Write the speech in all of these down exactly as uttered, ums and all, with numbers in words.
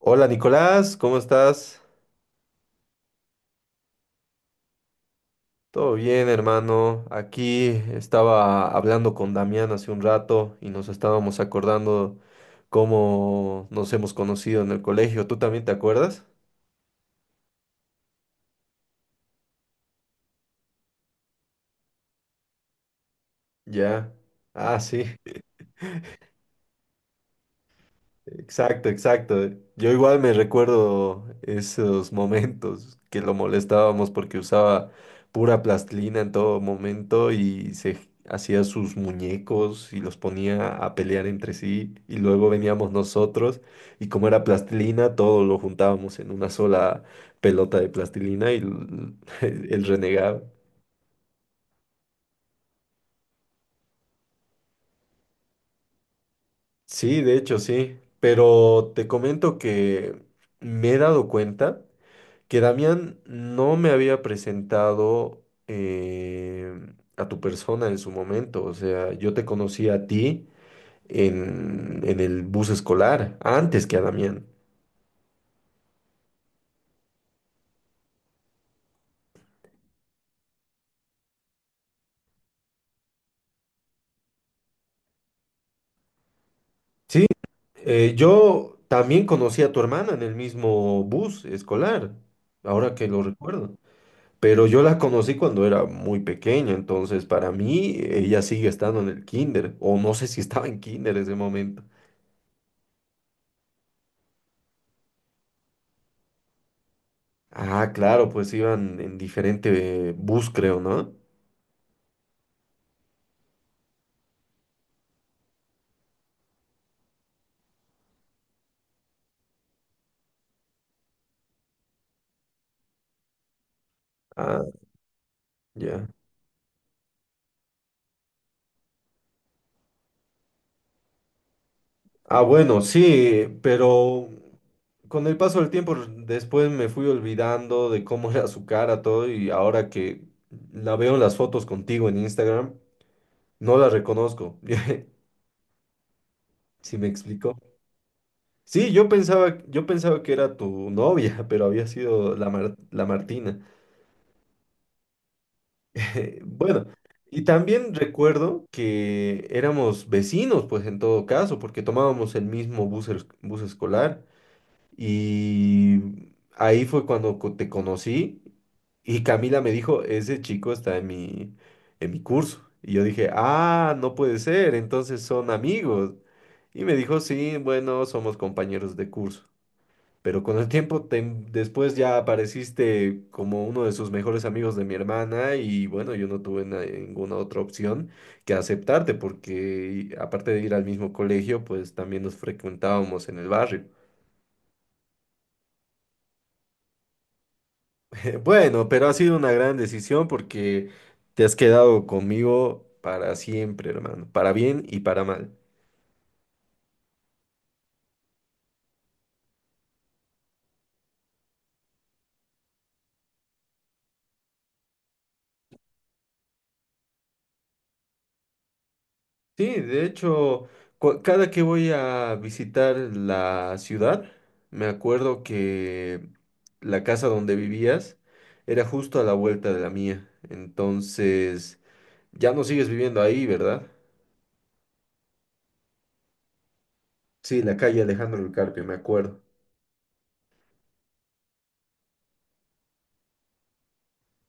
Hola Nicolás, ¿cómo estás? Todo bien, hermano. Aquí estaba hablando con Damián hace un rato y nos estábamos acordando cómo nos hemos conocido en el colegio. ¿Tú también te acuerdas? Ya. Ah, sí. Exacto, exacto. Yo igual me recuerdo esos momentos que lo molestábamos porque usaba pura plastilina en todo momento y se hacía sus muñecos y los ponía a pelear entre sí y luego veníamos nosotros y como era plastilina todo lo juntábamos en una sola pelota de plastilina y l- el renegado. Sí, de hecho sí, pero te comento que me he dado cuenta que Damián no me había presentado eh, a tu persona en su momento. O sea, yo te conocí a ti en, en el bus escolar, antes que a Damián. Sí, eh, yo también conocí a tu hermana en el mismo bus escolar, ahora que lo recuerdo. Pero yo la conocí cuando era muy pequeña, entonces para mí ella sigue estando en el kinder, o no sé si estaba en kinder en ese momento. Ah, claro, pues iban en diferente eh, bus, creo, ¿no? Ah, ya. Ah, bueno, sí, pero con el paso del tiempo después me fui olvidando de cómo era su cara, todo, y ahora que la veo en las fotos contigo en Instagram, no la reconozco. ¿Si me explico? Sí, yo pensaba, yo pensaba que era tu novia, pero había sido la Mar- la Martina. Bueno, y también recuerdo que éramos vecinos, pues en todo caso, porque tomábamos el mismo bus, es- bus escolar y ahí fue cuando co- te conocí y Camila me dijo, ese chico está en mi, en mi curso. Y yo dije, ah, no puede ser, entonces son amigos. Y me dijo, sí, bueno, somos compañeros de curso. Pero con el tiempo, te después ya apareciste como uno de sus mejores amigos de mi hermana y bueno, yo no tuve na- ninguna otra opción que aceptarte porque aparte de ir al mismo colegio, pues también nos frecuentábamos en el barrio. Bueno, pero ha sido una gran decisión porque te has quedado conmigo para siempre, hermano, para bien y para mal. Sí, de hecho, cu- cada que voy a visitar la ciudad, me acuerdo que la casa donde vivías era justo a la vuelta de la mía. Entonces, ya no sigues viviendo ahí, ¿verdad? Sí, la calle Alejandro del Carpio, me acuerdo.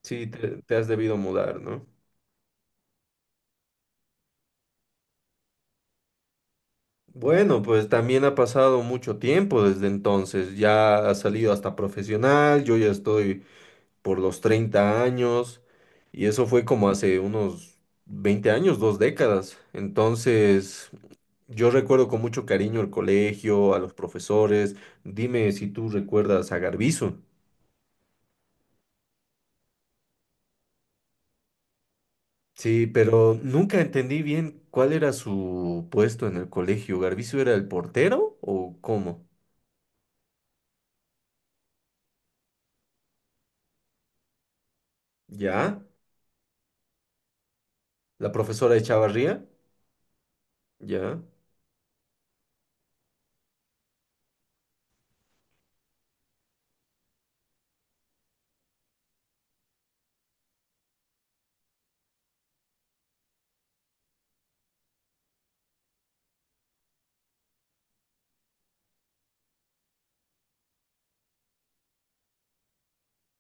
Sí, te, te has debido mudar, ¿no? Bueno, pues también ha pasado mucho tiempo desde entonces. Ya has salido hasta profesional, yo ya estoy por los treinta años, y eso fue como hace unos veinte años, dos décadas. Entonces, yo recuerdo con mucho cariño el colegio, a los profesores. Dime si tú recuerdas a Garbizo. Sí, pero nunca entendí bien cuál era su puesto en el colegio. ¿Garbizo era el portero o cómo? ¿Ya? ¿La profesora de Chavarría? ¿Ya?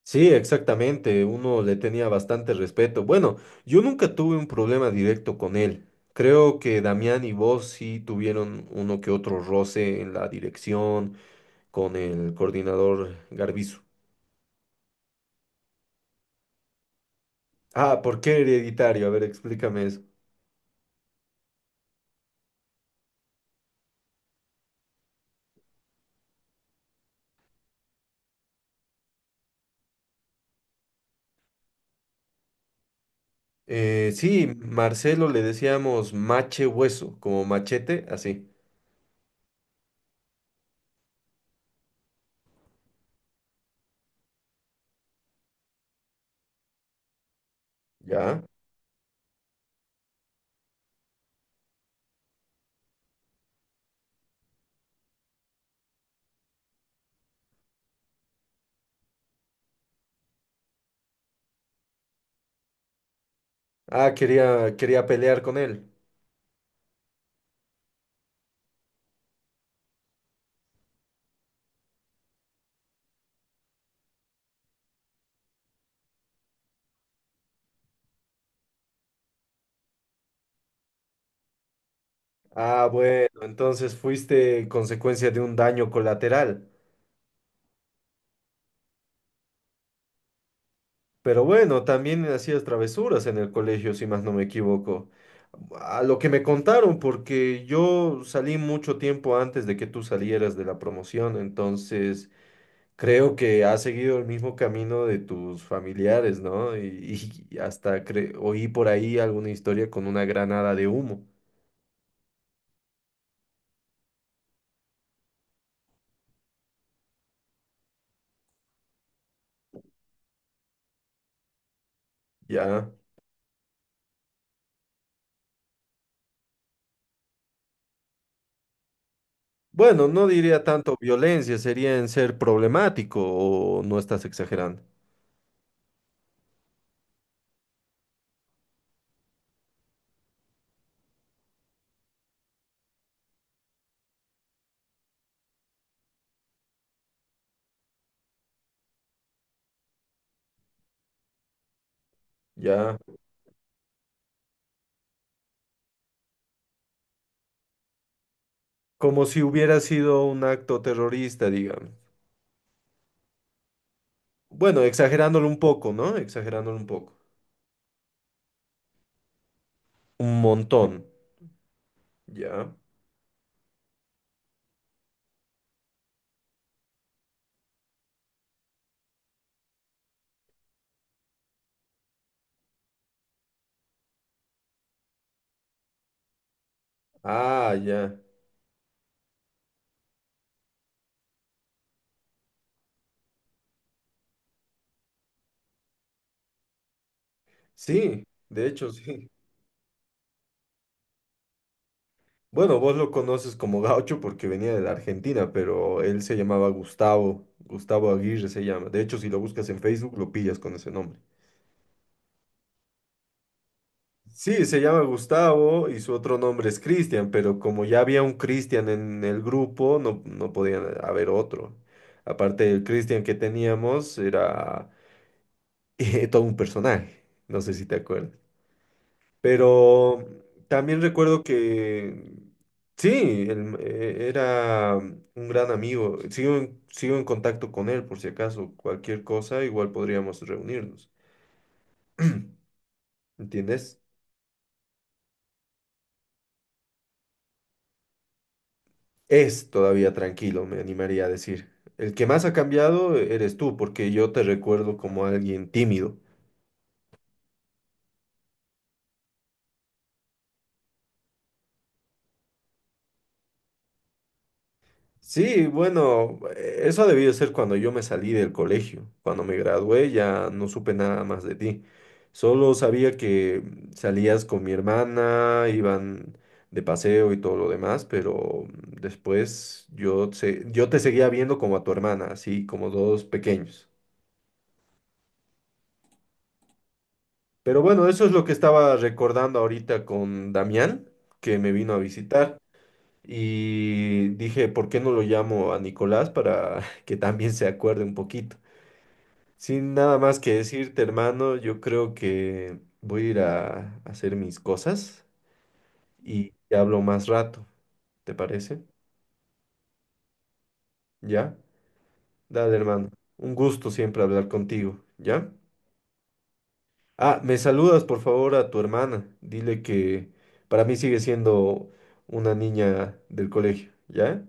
Sí, exactamente, uno le tenía bastante respeto. Bueno, yo nunca tuve un problema directo con él. Creo que Damián y vos sí tuvieron uno que otro roce en la dirección con el coordinador Garbizu. Ah, ¿por qué hereditario? A ver, explícame eso. Eh, sí, Marcelo le decíamos mache hueso, como machete, así. ¿Ya? Ah, quería, quería pelear con él. Ah, bueno, entonces fuiste consecuencia de un daño colateral. Pero bueno, también hacías travesuras en el colegio, si más no me equivoco. A lo que me contaron, porque yo salí mucho tiempo antes de que tú salieras de la promoción, entonces creo que has seguido el mismo camino de tus familiares, ¿no? Y, y hasta cre- oí por ahí alguna historia con una granada de humo, ¿ya? Bueno, no diría tanto violencia, sería en ser problemático o no estás exagerando, ¿ya? Como si hubiera sido un acto terrorista, digamos. Bueno, exagerándolo un poco, ¿no? Exagerándolo un poco. Un montón. Ya. Ah, ya. Sí, de hecho, sí. Bueno, vos lo conoces como gaucho porque venía de la Argentina, pero él se llamaba Gustavo. Gustavo Aguirre se llama. De hecho, si lo buscas en Facebook, lo pillas con ese nombre. Sí, se llama Gustavo y su otro nombre es Cristian, pero como ya había un Cristian en el grupo, no, no podía haber otro. Aparte, el Cristian que teníamos era todo un personaje, no sé si te acuerdas. Pero también recuerdo que sí, él, eh, era un gran amigo. Sigo en, sigo en contacto con él por si acaso, cualquier cosa, igual podríamos reunirnos. ¿Entiendes? Es todavía tranquilo, me animaría a decir. El que más ha cambiado eres tú, porque yo te recuerdo como alguien tímido. Sí, bueno, eh, eso ha debido ser cuando yo me salí del colegio. Cuando me gradué ya no supe nada más de ti. Solo sabía que salías con mi hermana, iban de paseo y todo lo demás, pero después yo, se- yo te seguía viendo como a tu hermana, así como dos pequeños. Pero bueno, eso es lo que estaba recordando ahorita con Damián, que me vino a visitar. Y dije, ¿por qué no lo llamo a Nicolás para que también se acuerde un poquito? Sin nada más que decirte, hermano, yo creo que voy a ir a hacer mis cosas y te hablo más rato, ¿te parece? ¿Ya? Dale, hermano. Un gusto siempre hablar contigo, ¿ya? Ah, me saludas, por favor, a tu hermana. Dile que para mí sigue siendo una niña del colegio, ¿ya?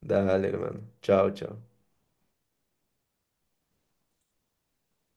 Dale, hermano. Chao, chao.